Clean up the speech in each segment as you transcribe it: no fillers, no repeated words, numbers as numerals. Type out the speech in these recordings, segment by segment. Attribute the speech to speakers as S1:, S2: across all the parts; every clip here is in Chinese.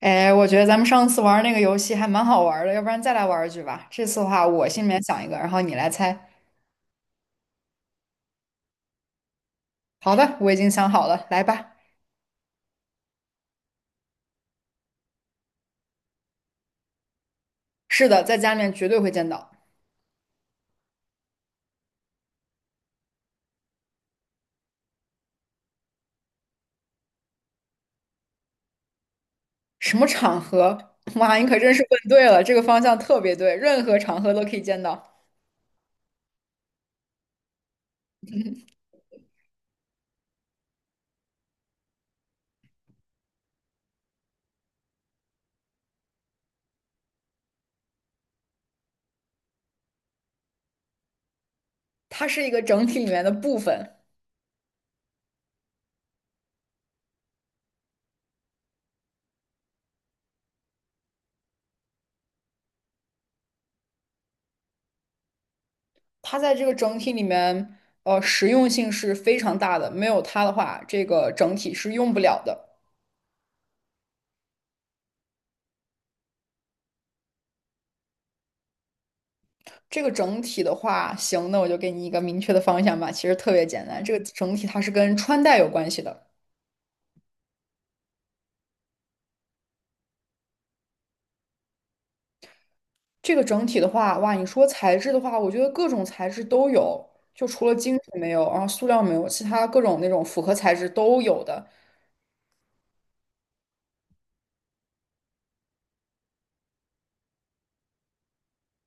S1: 哎，我觉得咱们上次玩那个游戏还蛮好玩的，要不然再来玩一局吧。这次的话，我心里面想一个，然后你来猜。好的，我已经想好了，来吧。是的，在家里面绝对会见到。什么场合？哇，你可真是问对了，这个方向特别对，任何场合都可以见到。它是一个整体里面的部分，它在这个整体里面，实用性是非常大的，没有它的话，这个整体是用不了的。这个整体的话，行，那我就给你一个明确的方向吧。其实特别简单，这个整体它是跟穿戴有关系的。这个整体的话，哇，你说材质的话，我觉得各种材质都有，就除了金属没有，然后塑料没有，其他各种那种复合材质都有的。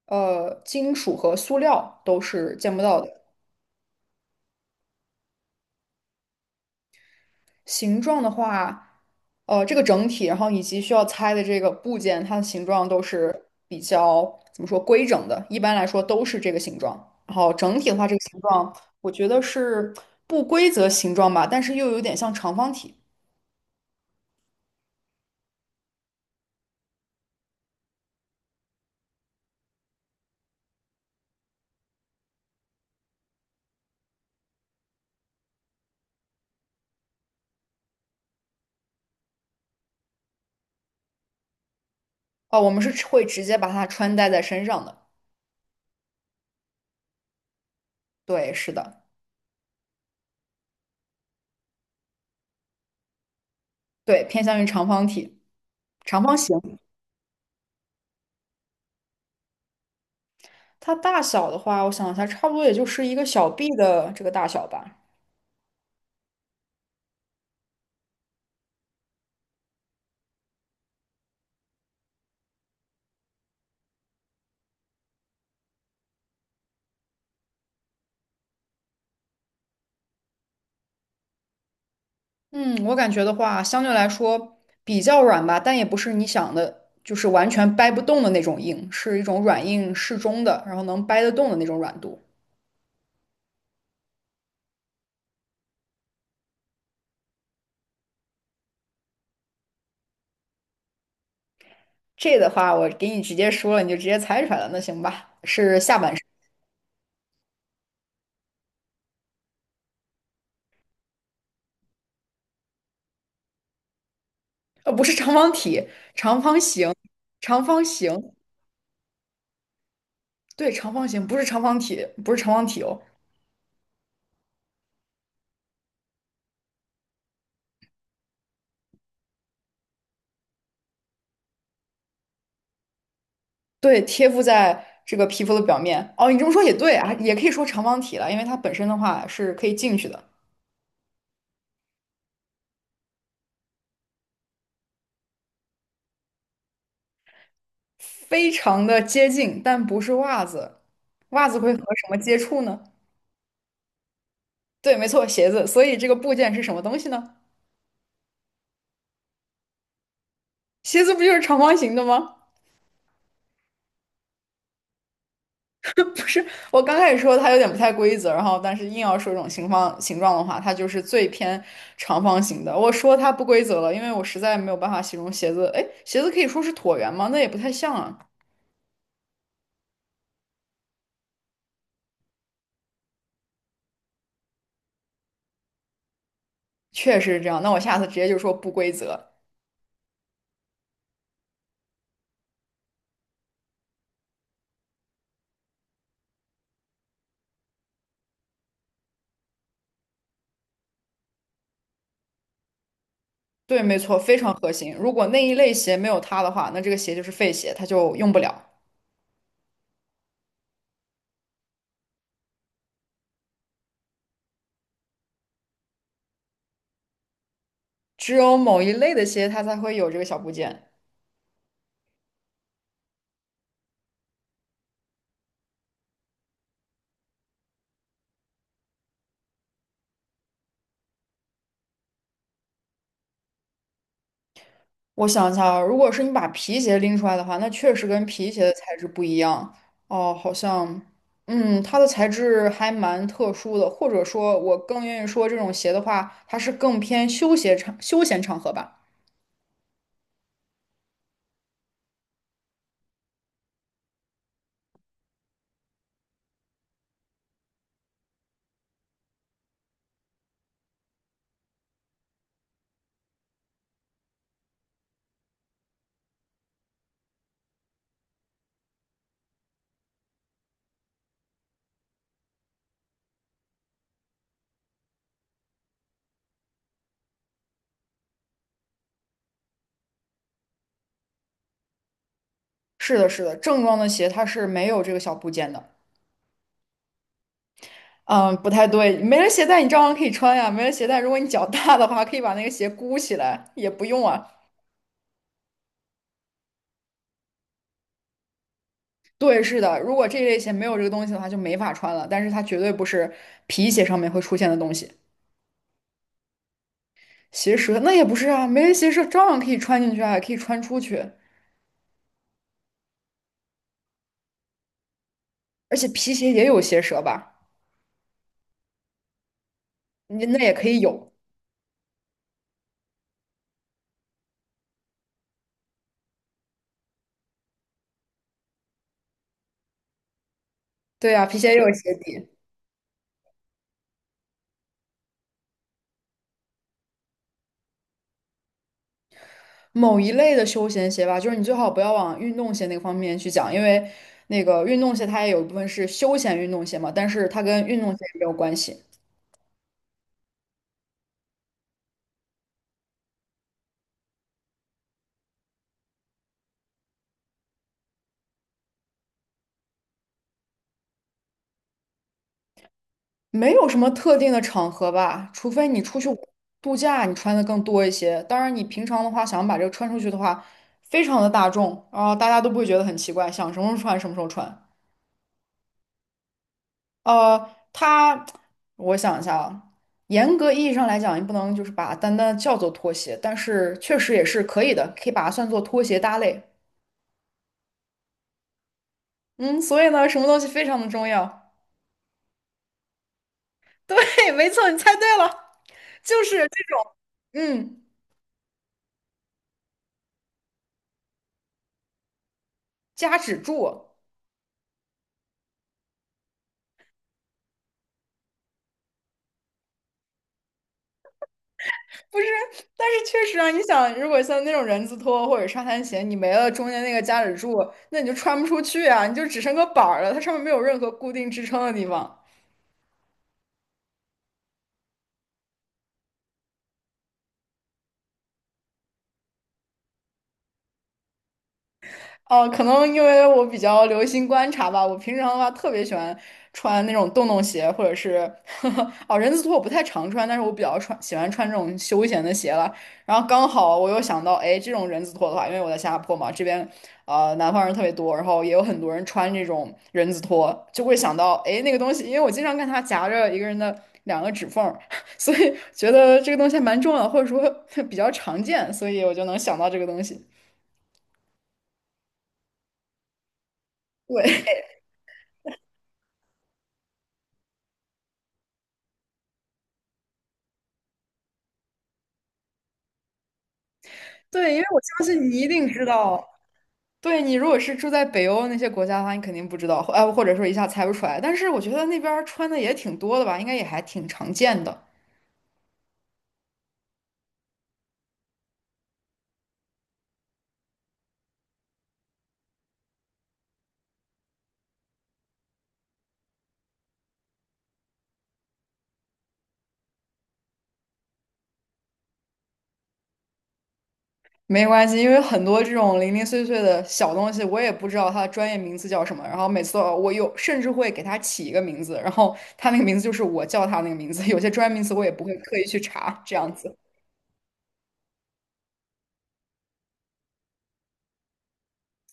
S1: 金属和塑料都是见不到的。形状的话，这个整体，然后以及需要拆的这个部件，它的形状都是比较怎么说规整的，一般来说都是这个形状。然后整体的话，这个形状我觉得是不规则形状吧，但是又有点像长方体。哦，我们是会直接把它穿戴在身上的。对，是的，对，偏向于长方体、长方形。它大小的话，我想一下，差不多也就是一个小臂的这个大小吧。嗯，我感觉的话，相对来说比较软吧，但也不是你想的，就是完全掰不动的那种硬，是一种软硬适中的，然后能掰得动的那种软度。这的话，我给你直接说了，你就直接猜出来了。那行吧，是下半身，不是长方体，长方形，长方形，对，长方形，不是长方体，不是长方体哦，对，贴附在这个皮肤的表面。哦，你这么说也对啊，也可以说长方体了，因为它本身的话是可以进去的。非常的接近，但不是袜子。袜子会和什么接触呢？对，没错，鞋子。所以这个部件是什么东西呢？鞋子不就是长方形的吗？不是，我刚开始说它有点不太规则，然后但是硬要说这种形方形状的话，它就是最偏长方形的。我说它不规则了，因为我实在没有办法形容鞋子。哎，鞋子可以说是椭圆吗？那也不太像啊。确实是这样，那我下次直接就说不规则。对，没错，非常核心。如果那一类鞋没有它的话，那这个鞋就是废鞋，它就用不了。只有某一类的鞋它才会有这个小部件。我想一下啊，如果是你把皮鞋拎出来的话，那确实跟皮鞋的材质不一样。哦，好像，嗯，它的材质还蛮特殊的，或者说，我更愿意说这种鞋的话，它是更偏休闲场合吧。是的，是的，正装的鞋它是没有这个小部件的。嗯，不太对，没了鞋带你照样可以穿呀。没了鞋带，如果你脚大的话，可以把那个鞋箍起来，也不用啊。对，是的，如果这一类鞋没有这个东西的话，就没法穿了。但是它绝对不是皮鞋上面会出现的东西。鞋舌那也不是啊，没人鞋舌照样可以穿进去啊，也可以穿出去。而且皮鞋也有鞋舌吧？你那也可以有。对啊，皮鞋也有鞋底。某一类的休闲鞋吧，就是你最好不要往运动鞋那个方面去讲，因为那个运动鞋它也有一部分是休闲运动鞋嘛，但是它跟运动鞋也没有关系。没有什么特定的场合吧，除非你出去度假，你穿的更多一些。当然，你平常的话，想把这个穿出去的话，非常的大众，啊，大家都不会觉得很奇怪，想什么时候穿什么时候穿。呃，它，我想一下啊，严格意义上来讲，你不能就是把它单单地叫做拖鞋，但是确实也是可以的，可以把它算作拖鞋搭类。嗯，所以呢，什么东西非常的重要？对，没错，你猜对了，就是这种，嗯，夹趾柱。不是，但是确实啊，你想，如果像那种人字拖或者沙滩鞋，你没了中间那个夹趾柱，那你就穿不出去啊，你就只剩个板儿了，它上面没有任何固定支撑的地方。哦，可能因为我比较留心观察吧，我平常的话特别喜欢穿那种洞洞鞋，或者是 哦人字拖我不太常穿，但是我比较穿喜欢穿这种休闲的鞋了。然后刚好我又想到，哎，这种人字拖的话，因为我在新加坡嘛，这边南方人特别多，然后也有很多人穿这种人字拖，就会想到，哎，那个东西，因为我经常看它夹着一个人的两个指缝儿 所以觉得这个东西还蛮重要，或者说 比较常见，所以我就能想到这个东西。对。对，因为我相信你一定知道。对你，如果是住在北欧那些国家的话，你肯定不知道，或者说一下猜不出来。但是我觉得那边儿穿的也挺多的吧，应该也还挺常见的。没关系，因为很多这种零零碎碎的小东西，我也不知道它的专业名字叫什么。然后每次都我有甚至会给它起一个名字，然后它那个名字就是我叫它那个名字。有些专业名词我也不会刻意去查，这样子。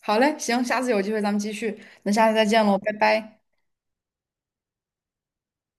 S1: 好嘞，行，下次有机会咱们继续。那下次再见喽，拜拜。